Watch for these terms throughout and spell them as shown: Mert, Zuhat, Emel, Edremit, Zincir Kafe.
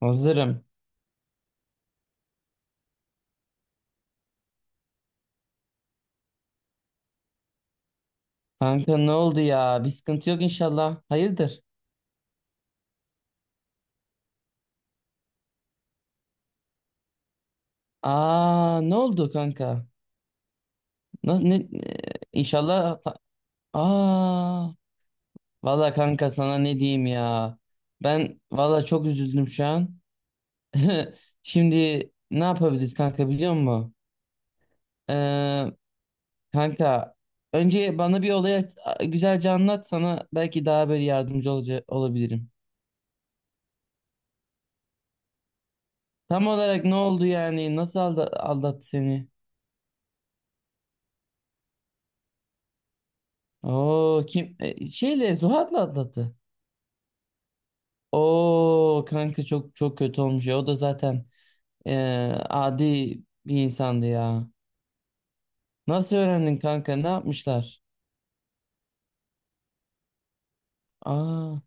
Hazırım. Kanka ne oldu ya? Bir sıkıntı yok inşallah. Hayırdır? Aa, ne oldu kanka? Ne, inşallah Aa, valla kanka sana ne diyeyim ya? Ben valla çok üzüldüm şu an. Şimdi ne yapabiliriz kanka biliyor musun? Ee, kanka önce bana bir olayı güzelce anlat, sana belki daha böyle yardımcı olabilirim. Tam olarak ne oldu yani? Nasıl aldattı seni? Oo, kim, şeyle Zuhat'la atlattı. Oo kanka, çok çok kötü olmuş ya. O da zaten e, adi bir insandı ya. Nasıl öğrendin kanka? Ne yapmışlar? Aa,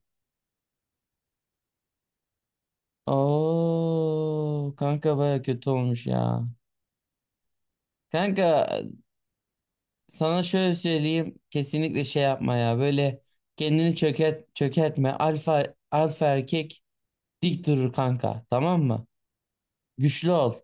oo kanka, baya kötü olmuş ya. Kanka sana şöyle söyleyeyim, kesinlikle şey yapma ya. Böyle kendini çökert çökertme. Alfa alfa erkek dik durur kanka. Tamam mı? Güçlü ol.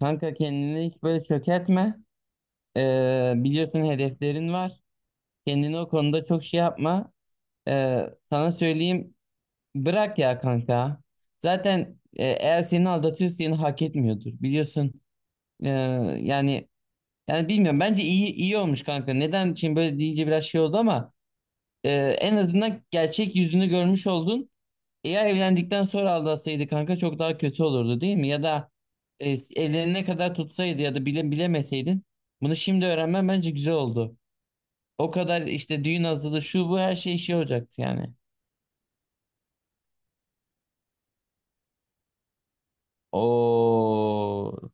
Kanka kendini hiç böyle çökertme. Biliyorsun, hedeflerin var. Kendini o konuda çok şey yapma. Sana söyleyeyim, bırak ya kanka. Zaten eğer seni aldatıyorsa seni hak etmiyordur. Biliyorsun, Ee, yani yani bilmiyorum, bence iyi olmuş kanka. Neden şimdi böyle deyince biraz şey oldu ama e, en azından gerçek yüzünü görmüş oldun. Eğer evlendikten sonra aldatsaydı kanka çok daha kötü olurdu değil mi? Ya da e, ellerine kadar tutsaydı ya da bile bilemeseydin, bunu şimdi öğrenmen bence güzel oldu. O kadar işte düğün hazırlığı şu bu her şey şey olacaktı yani. O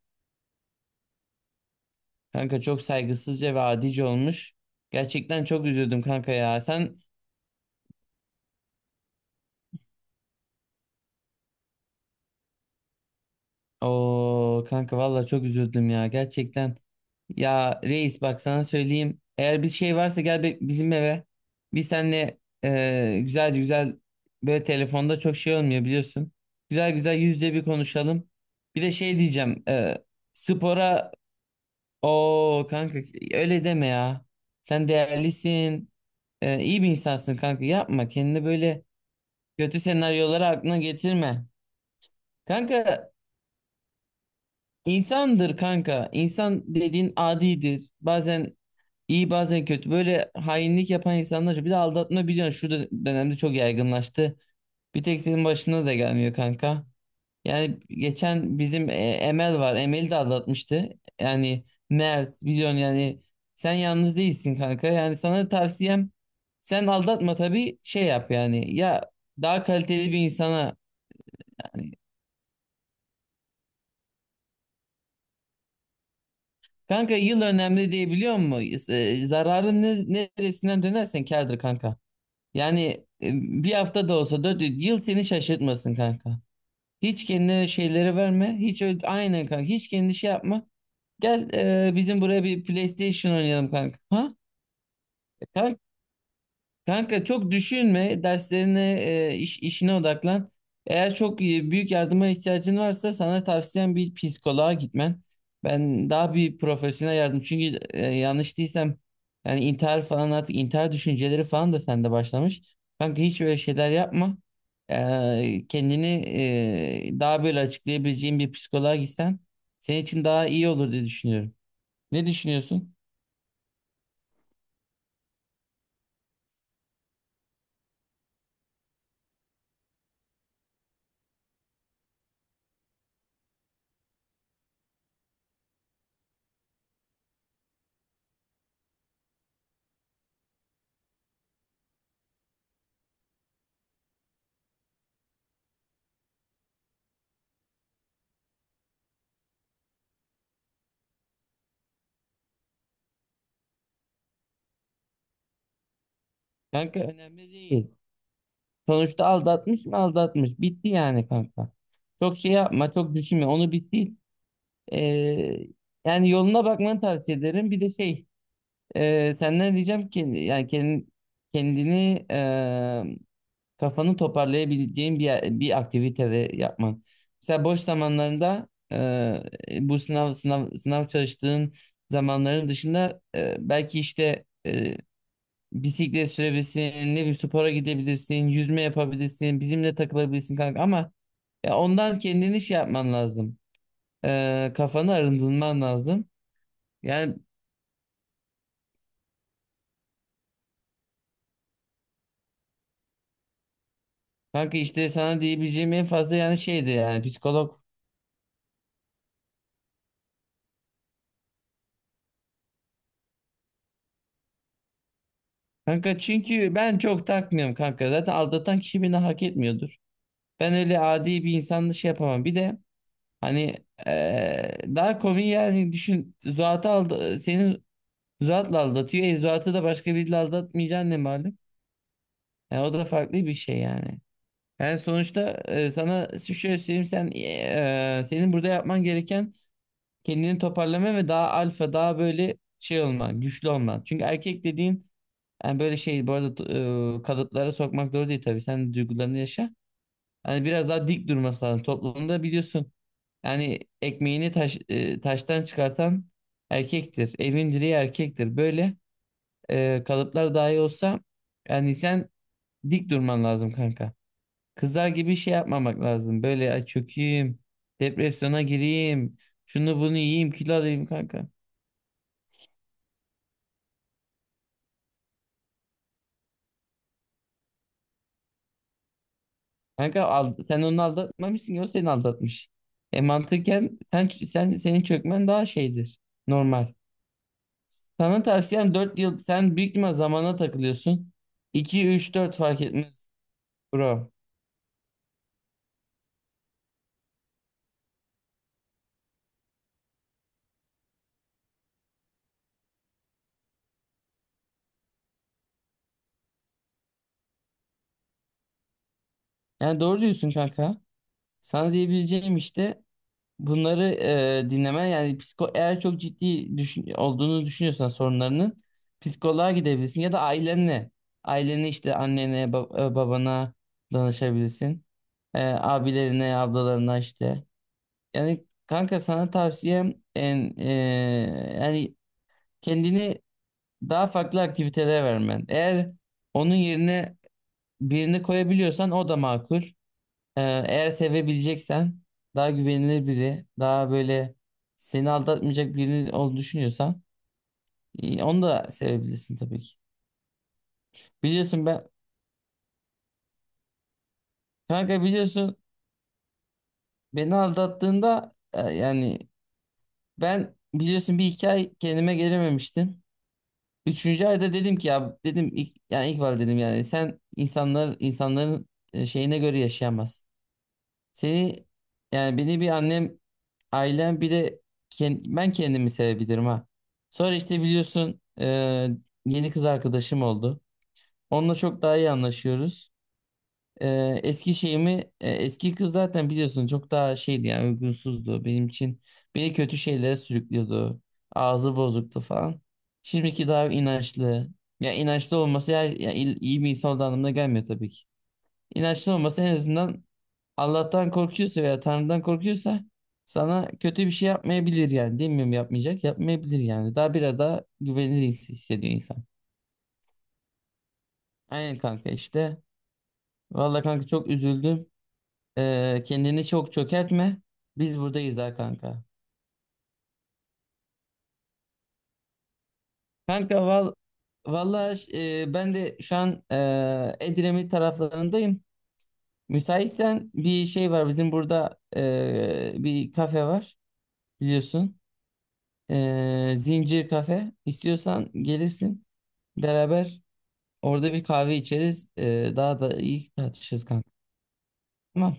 kanka çok saygısızca ve adice olmuş. Gerçekten çok üzüldüm kanka ya. Sen, o kanka valla çok üzüldüm ya gerçekten. Ya reis, bak sana söyleyeyim. Eğer bir şey varsa gel bizim eve. Biz seninle güzel güzel, böyle telefonda çok şey olmuyor biliyorsun. Güzel güzel %1 konuşalım. Bir de şey diyeceğim. Spora... Oo kanka, öyle deme ya. Sen değerlisin. İyi bir insansın kanka. Yapma kendini böyle kötü senaryolara, aklına getirme. Kanka, insandır kanka. İnsan dediğin adidir. Bazen iyi bazen kötü. Böyle hainlik yapan insanlar. Bir de aldatma biliyorsun şu dönemde çok yaygınlaştı. Bir tek senin başına da gelmiyor kanka. Yani geçen bizim Emel var. Emel'i de aldatmıştı. Yani Mert biliyorsun yani, sen yalnız değilsin kanka. Yani sana tavsiyem, sen aldatma tabii şey yap yani. Ya daha kaliteli bir insana, hani, kanka yıl önemli diye biliyor musun? E, neresinden dönersen kârdır kanka. Yani e, bir hafta da olsa 4 yıl seni şaşırtmasın kanka. Hiç kendine şeyleri verme. Hiç öyle, aynen kanka. Hiç kendine şey yapma. Gel, bizim buraya bir PlayStation oynayalım kanka. Ha? Kanka, kanka çok düşünme. Derslerine, işine odaklan. Eğer çok büyük yardıma ihtiyacın varsa sana tavsiyem bir psikoloğa gitmen. Ben daha bir profesyonel yardım. Çünkü yanlış değilsem, yani intihar falan, artık intihar düşünceleri falan da sende başlamış. Kanka hiç öyle şeyler yapma. Kendini daha böyle açıklayabileceğin bir psikoloğa gitsen senin için daha iyi olur diye düşünüyorum. Ne düşünüyorsun? Kanka önemli değil. Sonuçta aldatmış mı aldatmış. Bitti yani kanka. Çok şey yapma, çok düşünme, onu bir sil. Ee, yani yoluna bakmanı tavsiye ederim. Bir de şey, senden diyeceğim ki yani kendini, kendini e, kafanı toparlayabileceğin bir aktivite yapman. Mesela boş zamanlarında, bu sınav sınav sınav çalıştığın zamanların dışında, belki işte bisiklet sürebilirsin, ne bir spora gidebilirsin, yüzme yapabilirsin, bizimle takılabilirsin kanka ama ya ondan kendini şey yapman lazım. Kafanı arındırman lazım. Yani kanka işte sana diyebileceğim en fazla yani şeydi, yani psikolog. Kanka çünkü ben çok takmıyorum kanka. Zaten aldatan kişi beni hak etmiyordur. Ben öyle adi bir insanla şey yapamam. Bir de hani daha komik yani düşün. Zuhat'ı aldı, seni Zuhat'la aldatıyor. E, Zuhat'ı da başka biriyle aldatmayacaksın ne malum. Yani o da farklı bir şey yani. Yani sonuçta, sana şöyle söyleyeyim, sen, e, senin burada yapman gereken kendini toparlama ve daha alfa, daha böyle şey olman, güçlü olman. Çünkü erkek dediğin yani böyle şey, bu arada kalıplara sokmak doğru değil tabii. Sen duygularını yaşa. Hani biraz daha dik durması lazım. Toplumda biliyorsun yani ekmeğini taştan çıkartan erkektir. Evin direği erkektir. Böyle kalıplar dahi olsa yani sen dik durman lazım kanka. Kızlar gibi şey yapmamak lazım. Böyle ay çökeyim, depresyona gireyim, şunu bunu yiyeyim, kilo alayım kanka. Kanka sen onu aldatmamışsın ki, o seni aldatmış. E mantıken sen senin çökmen daha şeydir. Normal. Sana tavsiyem 4 yıl, sen büyük ihtimal zamana takılıyorsun. İki 3 4 fark etmez bro. Yani doğru diyorsun kanka. Sana diyebileceğim işte bunları, dinleme. Yani psiko, eğer çok ciddi olduğunu düşünüyorsan sorunlarının, psikoloğa gidebilirsin ya da ailenle, işte annene, babana danışabilirsin. E, abilerine, ablalarına işte, yani kanka sana tavsiyem en, yani kendini daha farklı aktivitelere vermen. Eğer onun yerine birini koyabiliyorsan o da makul. ee, eğer sevebileceksen daha güvenilir biri, daha böyle seni aldatmayacak biri olduğunu düşünüyorsan, onu da sevebilirsin tabii ki. Biliyorsun ben, biliyorsun, beni aldattığında, yani ben biliyorsun 1 2 ay kendime gelememiştim. Üçüncü ayda dedim ki ya, dedim ilk, yani ilk dedim, yani sen insanların şeyine göre yaşayamazsın. Seni yani beni bir annem, ailem, bir de ben kendimi sevebilirim ha. Sonra işte biliyorsun, yeni kız arkadaşım oldu. Onunla çok daha iyi anlaşıyoruz. E, Eski şeyimi, eski kız zaten biliyorsun çok daha şeydi, yani uygunsuzdu benim için. Beni kötü şeylere sürüklüyordu. Ağzı bozuktu falan. Şimdiki daha inançlı. Ya inançlı olması, ya iyi bir insan olduğu anlamına gelmiyor tabii ki. İnançlı olması en azından, Allah'tan korkuyorsa veya Tanrı'dan korkuyorsa sana kötü bir şey yapmayabilir yani. Demiyorum yapmayacak. Yapmayabilir yani. Daha biraz daha güvenilir hissediyor insan. Aynen kanka işte. Vallahi kanka çok üzüldüm. Kendini çok çökertme. Biz buradayız ha kanka. Kanka val Vallahi ben de şu an Edremit taraflarındayım. Müsaitsen bir şey var, bizim burada bir kafe var biliyorsun. Zincir Kafe. İstiyorsan gelirsin. Beraber orada bir kahve içeriz. Daha da iyi tartışırız kanka. Tamam.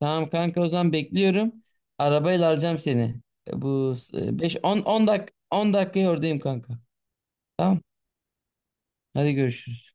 Tamam kanka, o zaman bekliyorum. Arabayla alacağım seni. Bu e, 5 10 10 dak 10 dakikaya oradayım kanka. Tamam. Hadi görüşürüz.